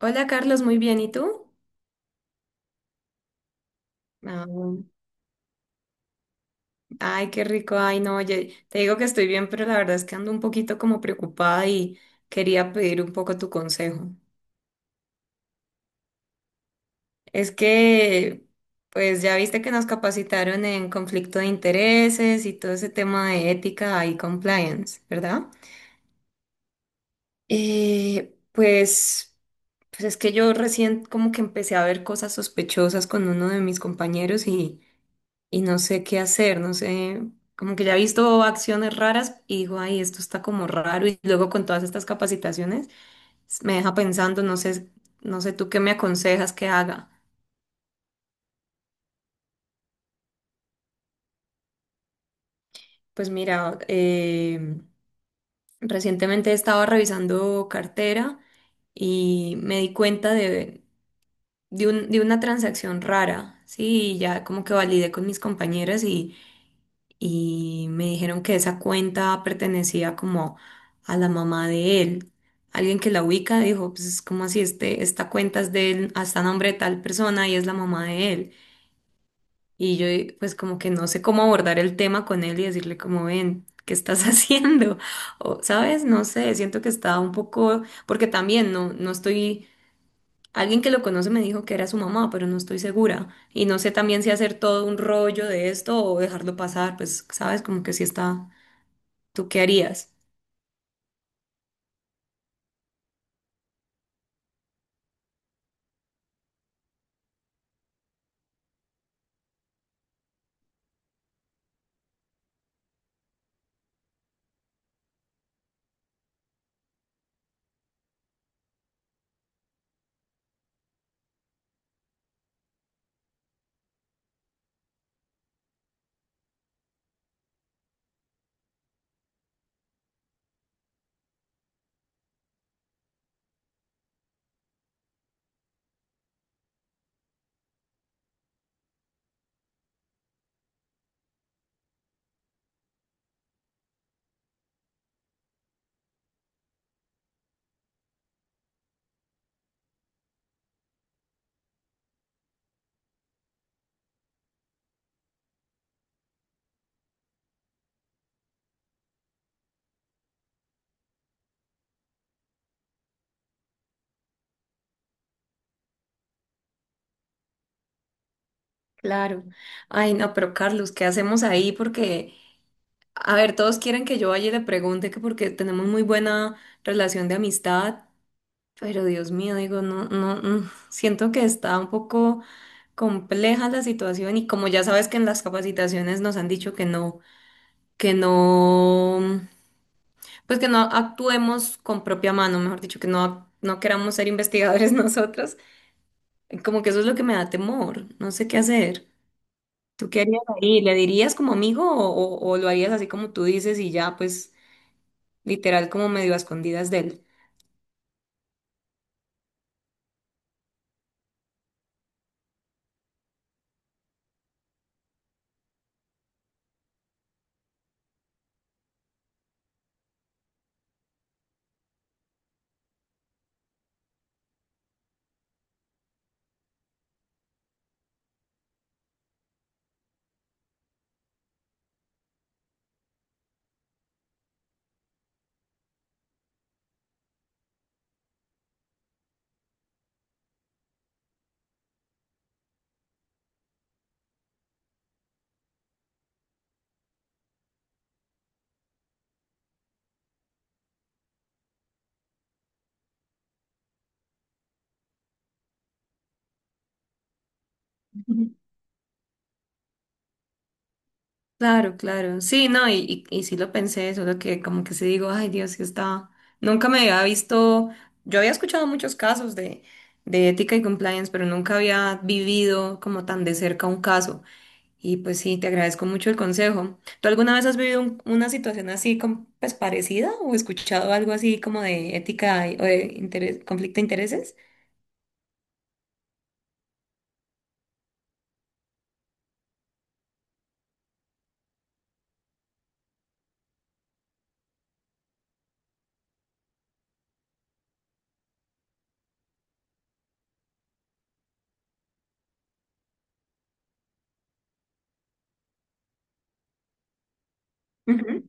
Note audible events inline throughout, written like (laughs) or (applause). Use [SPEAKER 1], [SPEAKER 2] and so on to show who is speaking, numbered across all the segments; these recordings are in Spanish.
[SPEAKER 1] Hola Carlos, muy bien, ¿y tú? Ah, bueno. Ay, qué rico, ay no, oye, te digo que estoy bien, pero la verdad es que ando un poquito como preocupada y quería pedir un poco tu consejo. Es que, pues ya viste que nos capacitaron en conflicto de intereses y todo ese tema de ética y compliance, ¿verdad? Eh, pues, pues es que yo recién como que empecé a ver cosas sospechosas con uno de mis compañeros y no sé qué hacer, no sé, como que ya he visto acciones raras y digo, ay, esto está como raro y luego con todas estas capacitaciones me deja pensando, no sé, no sé tú qué me aconsejas que haga. Pues mira, recientemente estaba revisando cartera y me di cuenta de de una transacción rara, sí, y ya como que validé con mis compañeras y me dijeron que esa cuenta pertenecía como a la mamá de él. Alguien que la ubica dijo, pues es como así, este, esta cuenta es de él, hasta nombre de tal persona y es la mamá de él. Y yo pues como que no sé cómo abordar el tema con él y decirle como ven. ¿Qué estás (laughs) haciendo? O, ¿sabes? No sé, siento que estaba un poco, porque también no estoy. Alguien que lo conoce me dijo que era su mamá, pero no estoy segura. Y no sé también si hacer todo un rollo de esto o dejarlo pasar, pues, sabes, como que si está, ¿tú qué harías? Claro. Ay, no, pero Carlos, ¿qué hacemos ahí? Porque, a ver, todos quieren que yo vaya y le pregunte que porque tenemos muy buena relación de amistad, pero Dios mío, digo, no, no, siento que está un poco compleja la situación y como ya sabes que en las capacitaciones nos han dicho que no, que no. Pues que no actuemos con propia mano, mejor dicho, que no, no queramos ser investigadores (laughs) nosotros. Como que eso es lo que me da temor, no sé qué hacer. ¿Tú qué harías ahí? ¿Le dirías como amigo o lo harías así como tú dices y ya, pues literal como medio a escondidas de él? Ujú. Claro, claro. Sí, no, y sí lo pensé, solo que como que sí digo, ay Dios, que está. Nunca me había visto, yo había escuchado muchos casos de ética y compliance, pero nunca había vivido como tan de cerca un caso. Y pues sí, te agradezco mucho el consejo. ¿Tú alguna vez has vivido una situación así pues parecida o escuchado algo así como de ética o de conflicto de intereses? Ujú,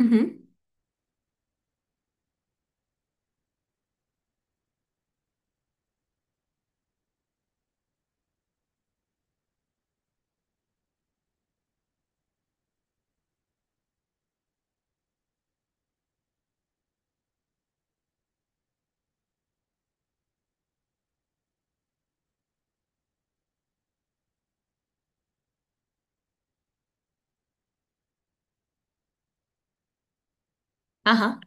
[SPEAKER 1] ujú. Ajá,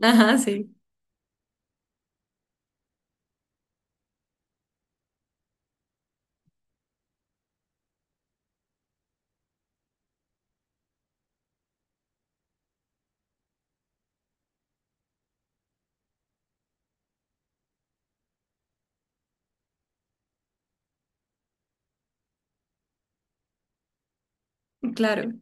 [SPEAKER 1] ajá, sí, claro,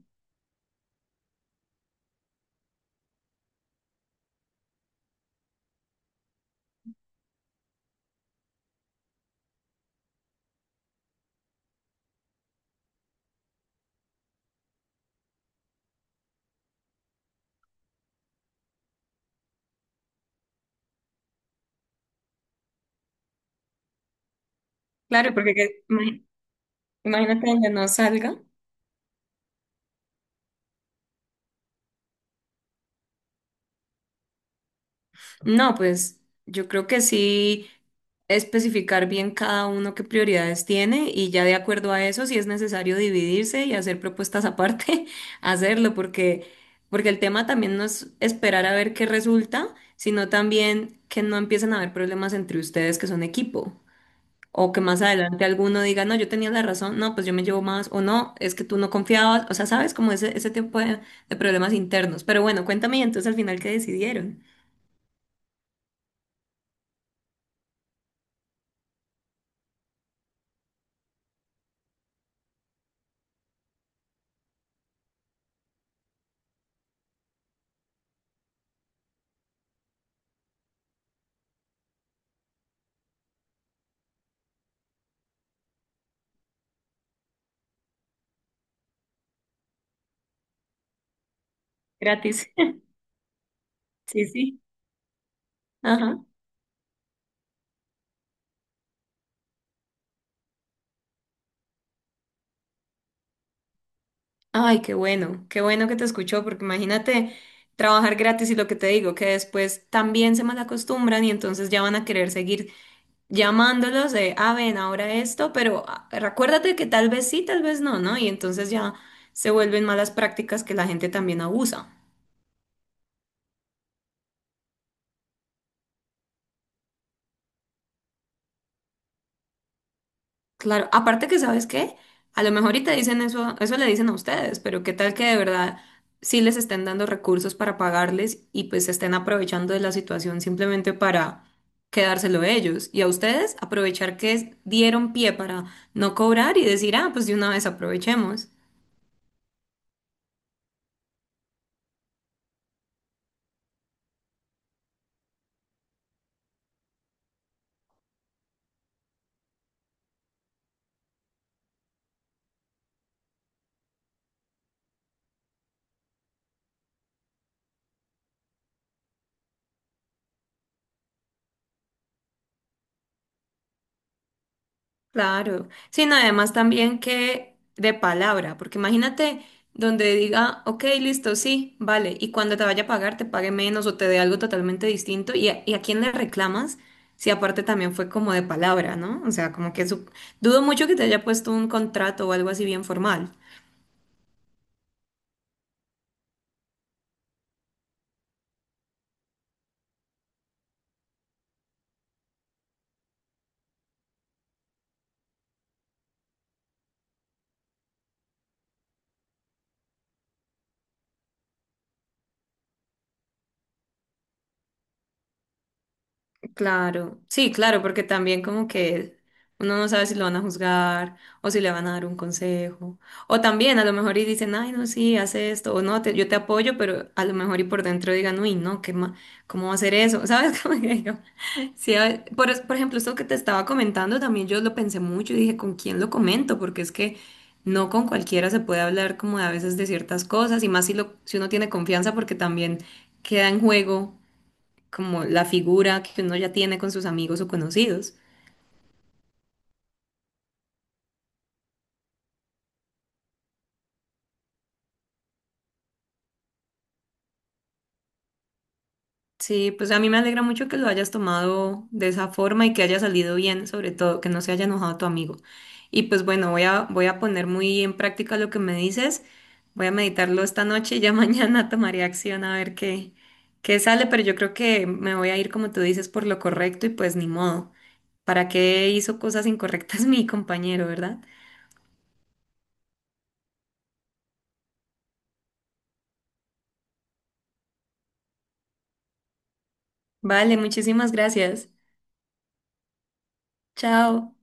[SPEAKER 1] claro, porque imagínate donde no salga. No, pues yo creo que sí especificar bien cada uno qué prioridades tiene y ya de acuerdo a eso, si es necesario dividirse y hacer propuestas aparte, (laughs) hacerlo, porque, porque el tema también no es esperar a ver qué resulta, sino también que no empiecen a haber problemas entre ustedes que son equipo. O que más adelante alguno diga, no, yo tenía la razón, no, pues yo me llevo más, o no, es que tú no confiabas, o sea, sabes, como ese tipo de problemas internos. Pero bueno, cuéntame y entonces al final qué decidieron. Gratis. (laughs) Sí, sí. Ajá. Ay, qué bueno que te escuchó, porque imagínate trabajar gratis y lo que te digo, que después también se malacostumbran y entonces ya van a querer seguir llamándolos de, ah, ven, ahora esto, pero ah, recuérdate que tal vez sí, tal vez no, ¿no? Y entonces ya se vuelven malas prácticas que la gente también abusa. Claro, aparte que sabes qué, a lo mejor y te dicen eso, eso le dicen a ustedes, pero qué tal que de verdad sí les estén dando recursos para pagarles y pues se estén aprovechando de la situación simplemente para quedárselo ellos y a ustedes aprovechar que dieron pie para no cobrar y decir, ah, pues de una vez aprovechemos. Claro, sino además también que de palabra, porque imagínate donde diga, ok, listo, sí, vale, y cuando te vaya a pagar te pague menos o te dé algo totalmente distinto, y a quién le reclamas si aparte también fue como de palabra, ¿no? O sea, como que dudo mucho que te haya puesto un contrato o algo así bien formal. Claro, sí, claro, porque también como que uno no sabe si lo van a juzgar o si le van a dar un consejo. O también a lo mejor y dicen, ay, no, sí, haz esto, o no, yo te apoyo, pero a lo mejor y por dentro digan, uy, no, ¿cómo va a hacer eso? (laughs) ¿Sabes? Como que yo, sí, por ejemplo, esto que te estaba comentando, también yo lo pensé mucho y dije, ¿con quién lo comento? Porque es que no con cualquiera se puede hablar como a veces de ciertas cosas y más si, lo, si uno tiene confianza porque también queda en juego como la figura que uno ya tiene con sus amigos o conocidos. Sí, pues a mí me alegra mucho que lo hayas tomado de esa forma y que haya salido bien, sobre todo que no se haya enojado tu amigo. Y pues bueno, voy a poner muy en práctica lo que me dices, voy a meditarlo esta noche y ya (laughs) mañana tomaré acción a ver qué, qué sale, pero yo creo que me voy a ir, como tú dices, por lo correcto y pues ni modo. ¿Para qué hizo cosas incorrectas (laughs) mi compañero, verdad? Vale, muchísimas gracias. Chao.